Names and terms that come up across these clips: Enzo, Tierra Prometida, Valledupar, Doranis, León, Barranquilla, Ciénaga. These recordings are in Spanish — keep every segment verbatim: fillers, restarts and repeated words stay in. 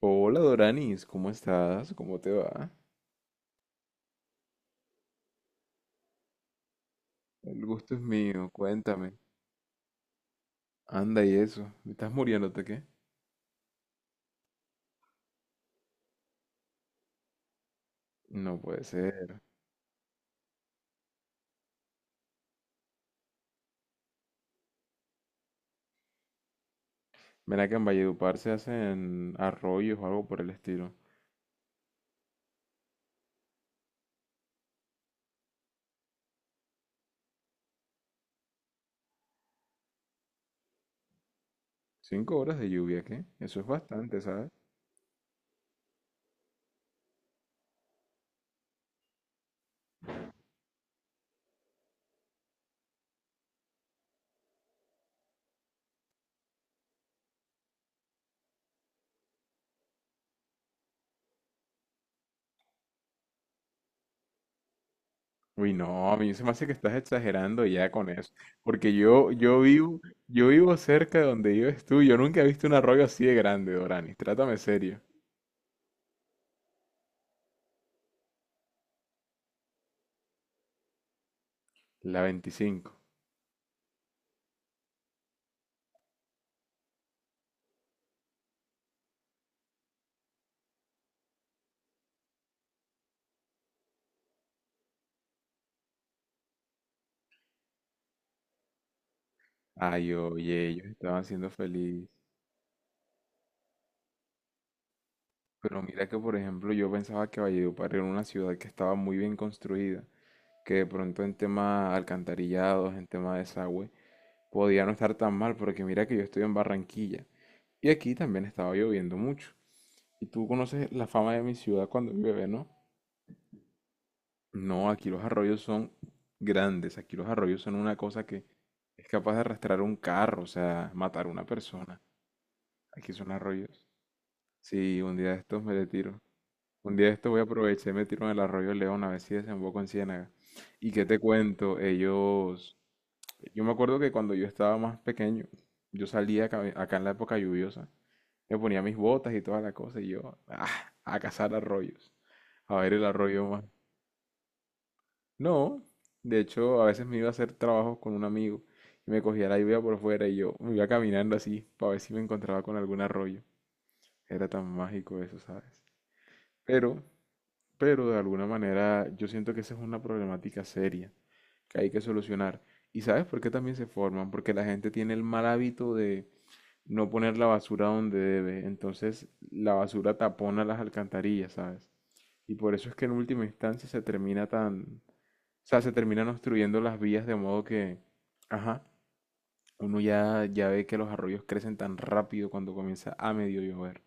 Hola Doranis, ¿cómo estás? ¿Cómo te va? El gusto es mío, cuéntame. Anda y eso, ¿me estás muriéndote qué? No puede ser. Ven acá, en Valledupar se hacen arroyos o algo por el estilo. Cinco horas de lluvia, ¿qué? Eso es bastante, ¿sabes? Uy, no, a mí se me hace que estás exagerando ya con eso. Porque yo, yo vivo, yo vivo cerca de donde vives tú. Yo nunca he visto un arroyo así de grande, Doranis. Trátame serio. La veinticinco. Ay, oye, ellos estaban siendo feliz. Pero mira que, por ejemplo, yo pensaba que Valledupar era una ciudad que estaba muy bien construida, que de pronto en tema alcantarillados, en tema de desagüe, podía no estar tan mal, porque mira que yo estoy en Barranquilla y aquí también estaba lloviendo mucho. Y tú conoces la fama de mi ciudad cuando llueve, ¿no? No, aquí los arroyos son grandes, aquí los arroyos son una cosa que es capaz de arrastrar un carro, o sea, matar a una persona. Aquí son arroyos. Sí, un día de estos me le tiro. Un día de esto voy a aprovechar y me tiro en el arroyo León a ver si desemboco en Ciénaga. ¿Y qué te cuento? Ellos... Yo me acuerdo que cuando yo estaba más pequeño, yo salía acá, acá en la época lluviosa, me ponía mis botas y toda la cosa y yo ah, a cazar arroyos, a ver el arroyo más. No, de hecho a veces me iba a hacer trabajos con un amigo y me cogía la lluvia por fuera y yo me iba caminando así para ver si me encontraba con algún arroyo. Era tan mágico eso, ¿sabes? Pero pero de alguna manera yo siento que esa es una problemática seria que hay que solucionar. ¿Y sabes por qué también se forman? Porque la gente tiene el mal hábito de no poner la basura donde debe. Entonces la basura tapona las alcantarillas, ¿sabes? Y por eso es que en última instancia se termina tan... O sea, se terminan obstruyendo las vías de modo que... Ajá, uno ya, ya ve que los arroyos crecen tan rápido cuando comienza a medio llover.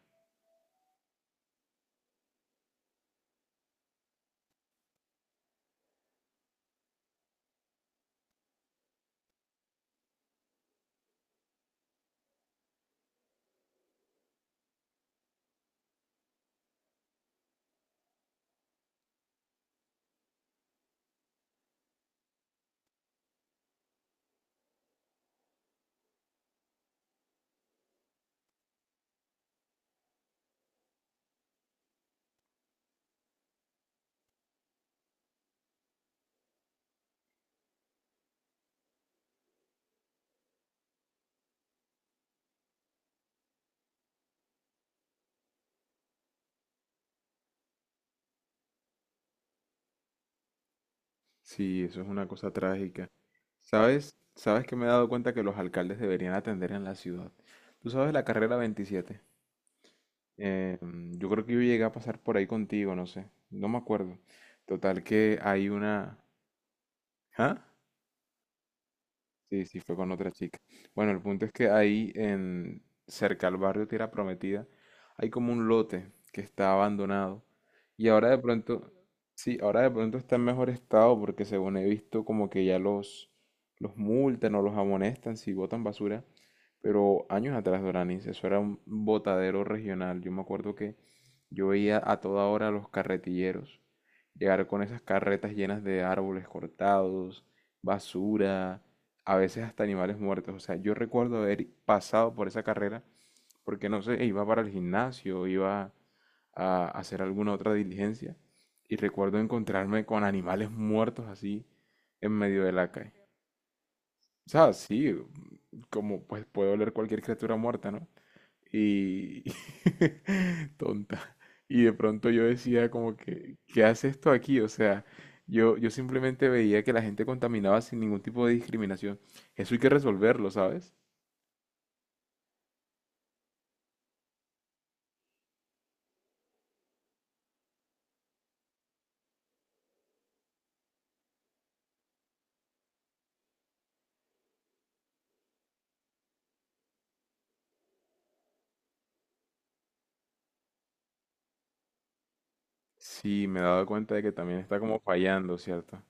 Sí, eso es una cosa trágica. ¿Sabes? ¿Sabes que me he dado cuenta que los alcaldes deberían atender en la ciudad? Tú sabes la carrera veintisiete. Eh, mm, yo creo que yo llegué a pasar por ahí contigo, no sé. No me acuerdo. Total que hay una... ¿Ah? Sí, sí, fue con otra chica. Bueno, el punto es que ahí en cerca al barrio Tierra Prometida hay como un lote que está abandonado y ahora de pronto, sí, ahora de pronto está en mejor estado porque según he visto como que ya los los multan o los amonestan si botan basura, pero años atrás, Doranis, eso era un botadero regional. Yo me acuerdo que yo veía a toda hora a los carretilleros llegar con esas carretas llenas de árboles cortados, basura, a veces hasta animales muertos. O sea, yo recuerdo haber pasado por esa carrera porque no sé, iba para el gimnasio, iba a hacer alguna otra diligencia y recuerdo encontrarme con animales muertos así en medio de la calle. O sea, sí, como pues puede oler cualquier criatura muerta, ¿no? Y tonta. Y de pronto yo decía como que, ¿qué hace esto aquí? O sea, yo, yo simplemente veía que la gente contaminaba sin ningún tipo de discriminación. Eso hay que resolverlo, ¿sabes? Sí, me he dado cuenta de que también está como fallando, ¿cierto?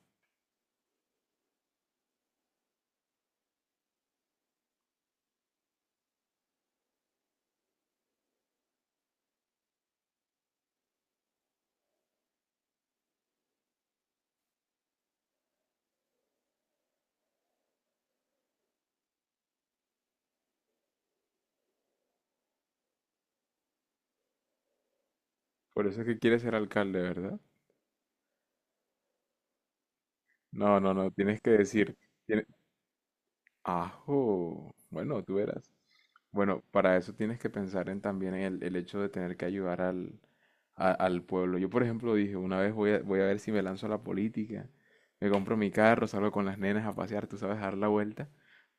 Por eso es que quiere ser alcalde, ¿verdad? No, no, no, tienes que decir, tiene- Ajo. Bueno, tú verás. Bueno, para eso tienes que pensar en también en el, el hecho de tener que ayudar al, a- al pueblo. Yo, por ejemplo, dije, una vez voy a, voy a ver si me lanzo a la política, me compro mi carro, salgo con las nenas a pasear, tú sabes, a dar la vuelta.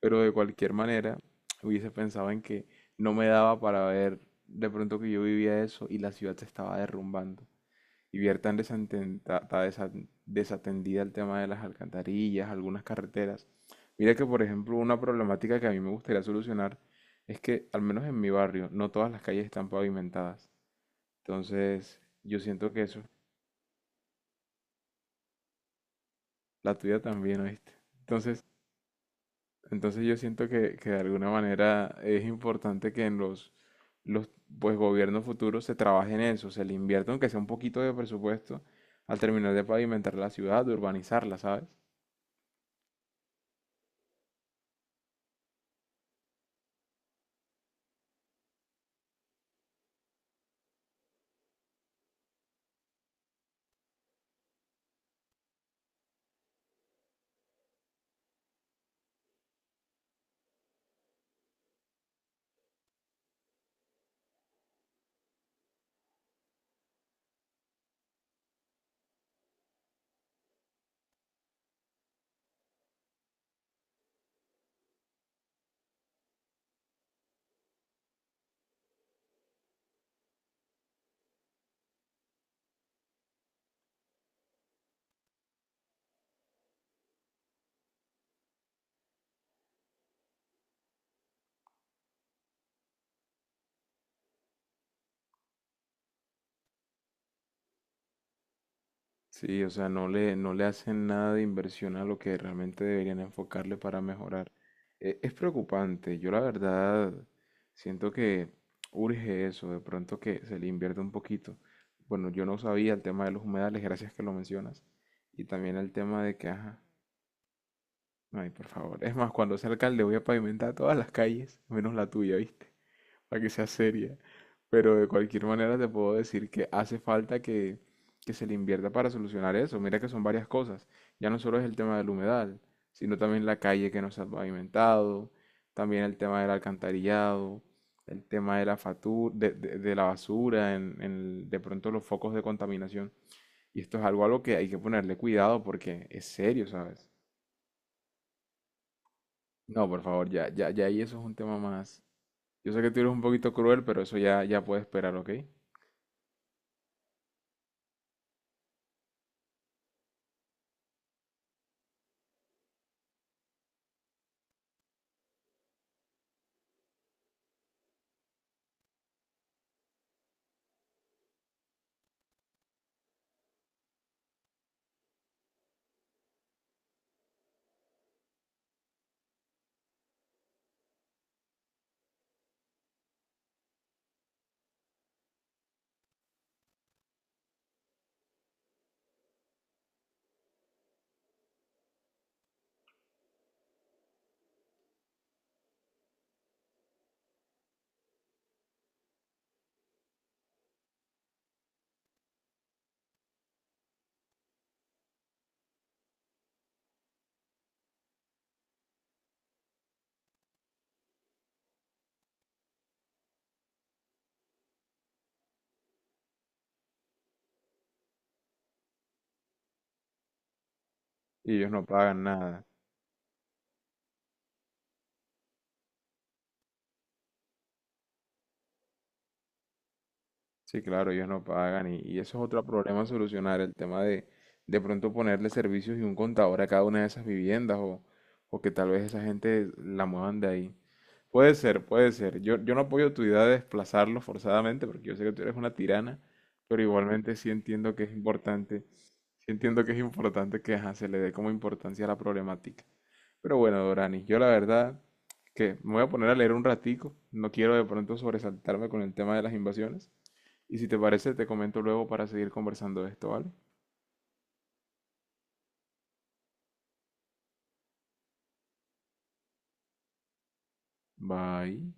Pero de cualquier manera, hubiese pensado en que no me daba para ver de pronto que yo vivía eso y la ciudad se estaba derrumbando y ver tan desatenta- ta- desa- desatendida el tema de las alcantarillas, algunas carreteras. Mira que, por ejemplo, una problemática que a mí me gustaría solucionar es que, al menos en mi barrio, no todas las calles están pavimentadas. Entonces, yo siento que eso, la tuya también, ¿oíste? Entonces, entonces yo siento que, que de alguna manera es importante que en los, los pues, gobiernos futuros se trabaje en eso, se le invierta aunque sea un poquito de presupuesto al terminar de pavimentar la ciudad, de urbanizarla, ¿sabes? Sí, o sea, no le, no le hacen nada de inversión a lo que realmente deberían enfocarle para mejorar. E- Es, preocupante, yo la verdad siento que urge eso, de pronto que se le invierta un poquito. Bueno, yo no sabía el tema de los humedales, gracias que lo mencionas. Y también el tema de que, ajá, ay, por favor. Es más, cuando sea alcalde voy a pavimentar todas las calles, menos la tuya, ¿viste? Para que sea seria. Pero de cualquier manera te puedo decir que hace falta que, que se le invierta para solucionar eso. Mira que son varias cosas. Ya no solo es el tema del humedal, sino también la calle que no se ha pavimentado, también el tema del alcantarillado, el tema de la fatu- de, de- de la basura, en, en el- de pronto los focos de contaminación. Y esto es algo a lo que hay que ponerle cuidado porque es serio, ¿sabes? No, por favor, ya, ya, ya ahí eso es un tema más. Yo sé que tú eres un poquito cruel, pero eso ya, ya puede esperar, ¿ok? Y ellos no pagan nada. Sí, claro, ellos no pagan. Y, y eso es otro problema a solucionar, el tema de de pronto ponerle servicios y un contador a cada una de esas viviendas o, o que tal vez esa gente la muevan de ahí. Puede ser, puede ser. Yo, yo no apoyo tu idea de desplazarlos forzadamente porque yo sé que tú eres una tirana, pero igualmente sí entiendo que es importante, sí entiendo que es importante que ajá, se le dé como importancia a la problemática. Pero bueno, Dorani, yo la verdad que me voy a poner a leer un ratico. No quiero de pronto sobresaltarme con el tema de las invasiones. Y si te parece, te comento luego para seguir conversando de esto, ¿vale? Bye.